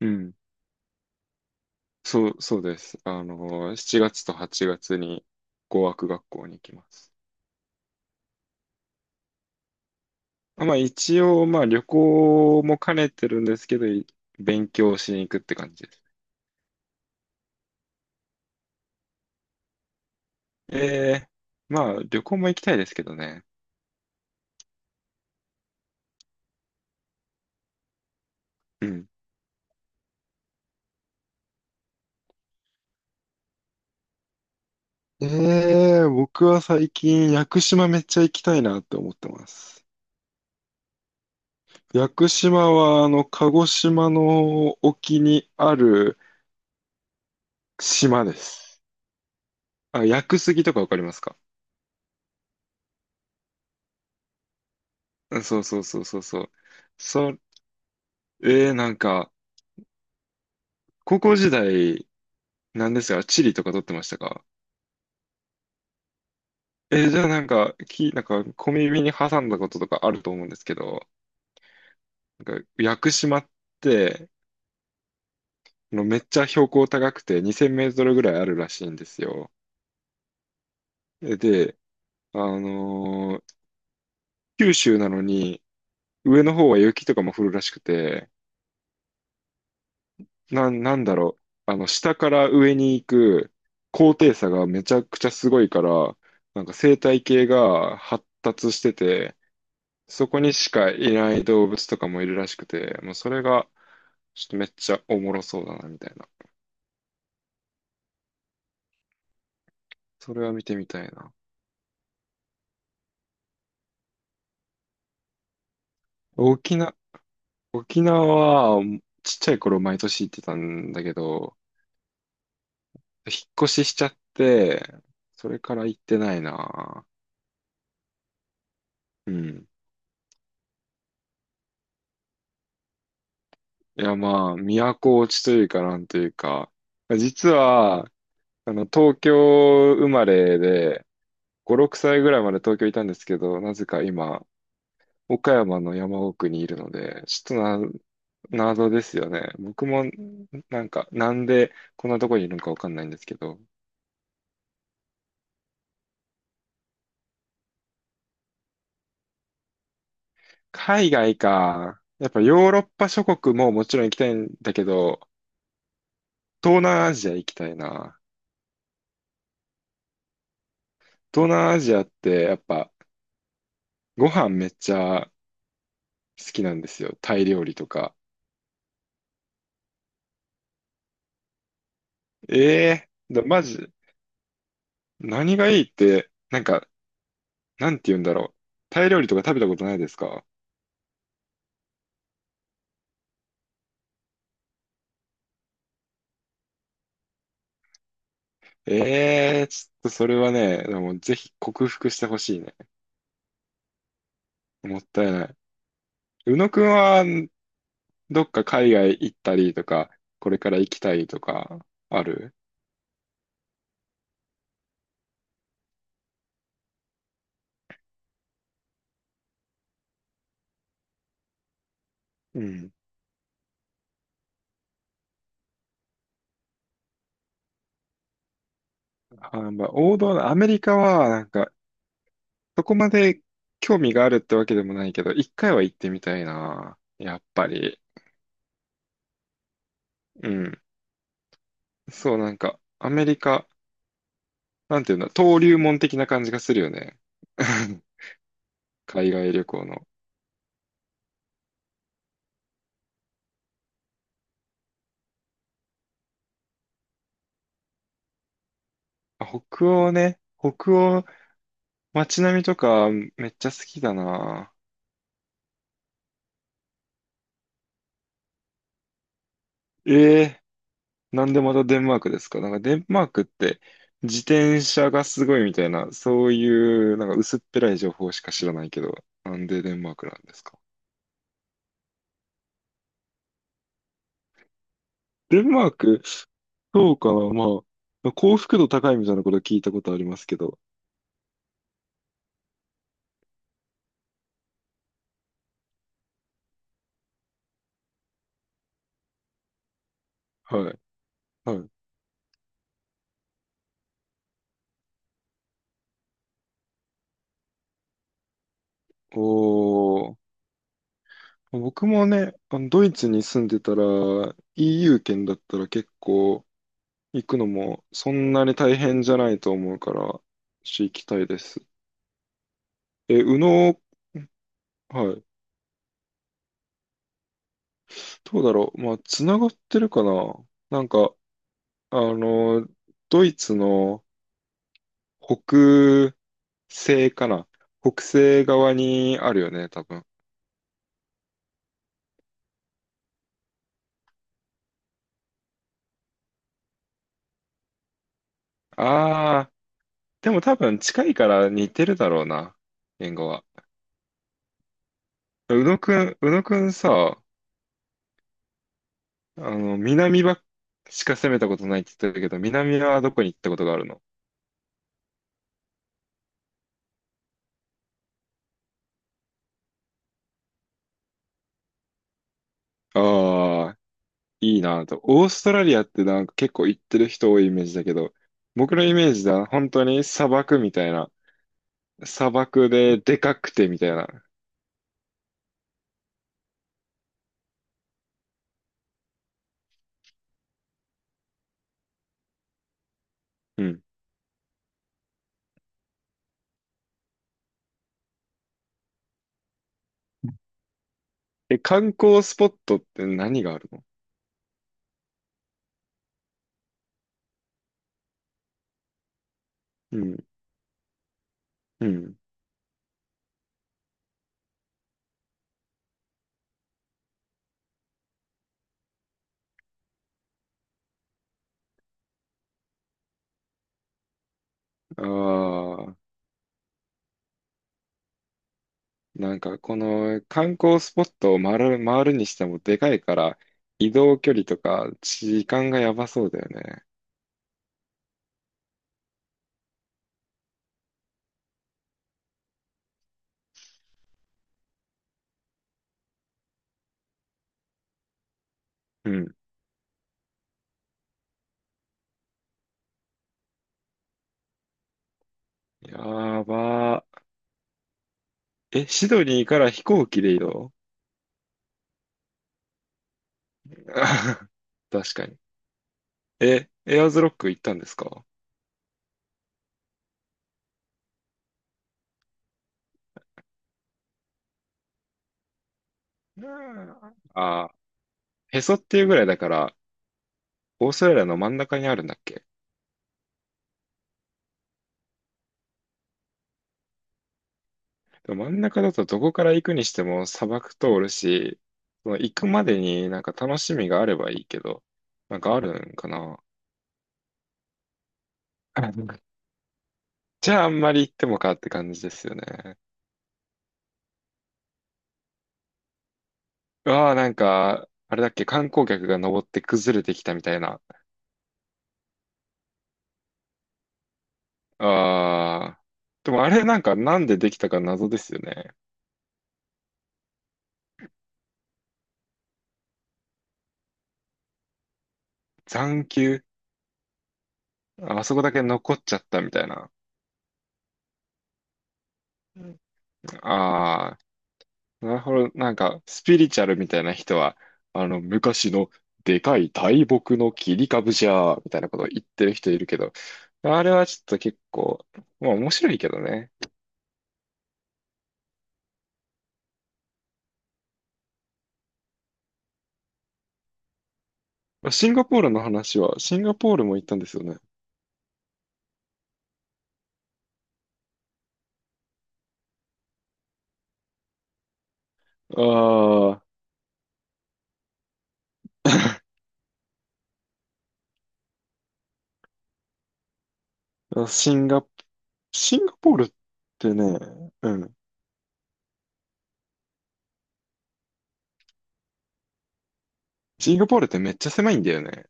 うん。そう、そうです。7月と8月に語学学校に行きます。まあ一応、まあ旅行も兼ねてるんですけど、勉強しに行くって感じです。ええ、まあ旅行も行きたいですけどね。うん。ええ、僕は最近屋久島めっちゃ行きたいなって思ってます。屋久島は鹿児島の沖にある島です。あ、屋久杉とかわかりますか？うん、そうそうそうそうそう。そえー、なんか、高校時代、なんですが、地理とか取ってましたか？じゃあなんか、なんか、小耳に挟んだこととかあると思うんですけど、なんか、屋久島って、めっちゃ標高高くて2000メートルぐらいあるらしいんですよ。で、あのー九州なのに、上の方は雪とかも降るらしくて、なんだろう、下から上に行く高低差がめちゃくちゃすごいから、なんか生態系が発達してて、そこにしかいない動物とかもいるらしくて、もうそれがちょっとめっちゃおもろそうだなみたいな。それは見てみたいな。沖縄、沖縄はちっちゃい頃毎年行ってたんだけど、引っ越ししちゃって、それから行ってないな。うん。いやまあ、都落ちというかなんというか、実は、東京生まれで、5、6歳ぐらいまで東京いたんですけど、なぜか今、岡山の山奥にいるので、ちょっとな、謎ですよね。僕も、なんか、なんでこんなとこにいるのかわかんないんですけど。海外か。やっぱヨーロッパ諸国ももちろん行きたいんだけど、東南アジア行きたいな。東南アジアってやっぱご飯めっちゃ好きなんですよ。タイ料理とか。ええ、マジ、何がいいって、なんか、なんて言うんだろう。タイ料理とか食べたことないですか？ええ、ちょっとそれはね、でもぜひ克服してほしいね。もったいない。宇野くんは、どっか海外行ったりとか、これから行きたいとか、ある？うん。あ、まあ、王道のアメリカは、なんか、そこまで興味があるってわけでもないけど、一回は行ってみたいな。やっぱり。うん。そう、なんか、アメリカ、なんていうんだ、登竜門的な感じがするよね。海外旅行の。あ、北欧ね。北欧、街並みとか、めっちゃ好きだな。ええ、なんでまたデンマークですか？なんかデンマークって自転車がすごいみたいな、そういうなんか薄っぺらい情報しか知らないけど、なんでデンマークなんですか？デンマーク、そうかな、まあ、幸福度高いみたいなこと聞いたことありますけど、はい、はい。おー、僕もね、ドイツに住んでたら EU 圏だったら結構行くのもそんなに大変じゃないと思うから、行きたいです。え、宇野、はい。どうだろう。まあ、つながってるかな。なんか、あの、ドイツの北西かな。北西側にあるよね、多分。ああ、でも多分近いから似てるだろうな、言語は。宇野くんさ、南しか攻めたことないって言ってたけど、南はどこに行ったことがあるの？ああー、いいなと。オーストラリアってなんか結構行ってる人多いイメージだけど、僕のイメージだ、本当に砂漠みたいな。砂漠ででかくてみたいな。うん。え、観光スポットって何があるの？うん。うん。ああ、なんかこの観光スポットを回るにしてもでかいから移動距離とか時間がやばそうだよね。うん。やばー。え、シドニーから飛行機で移動？あー 確かに。え、エアーズロック行ったんですか？うん、ああ、へそっていうぐらいだから、オーストラリアの真ん中にあるんだっけ？でも真ん中だとどこから行くにしても砂漠通るし、その行くまでになんか楽しみがあればいいけど、なんかあるんかな。あ、なんか、じゃああんまり行ってもかって感じですよね。うわあ、なんか、あれだっけ、観光客が登って崩れてきたみたいな。ああ、でもあれなんかなんでできたか謎ですよね。残丘、ああそこだけ残っちゃったみたいな。あ、なるほど。なんか、スピリチュアルみたいな人は、昔のでかい大木の切り株じゃー、みたいなことを言ってる人いるけど、あれはちょっと結構、まあ面白いけどね。シンガポールの話は、シンガポールも行ったんですよね。ああ、シンガポールってね、うん。シンガポールってめっちゃ狭いんだよね。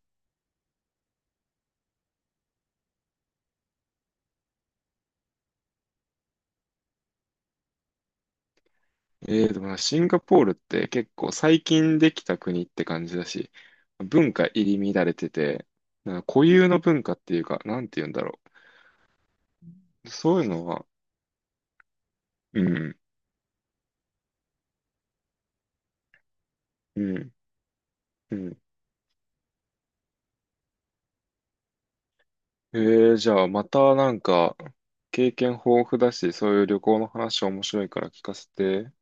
ええー、でもなシンガポールって結構最近できた国って感じだし、文化入り乱れてて、なんか固有の文化っていうか、なんて言うんだろう。そういうのは、うん、うん、うん。ええー、じゃあまたなんか経験豊富だし、そういう旅行の話面白いから聞かせて。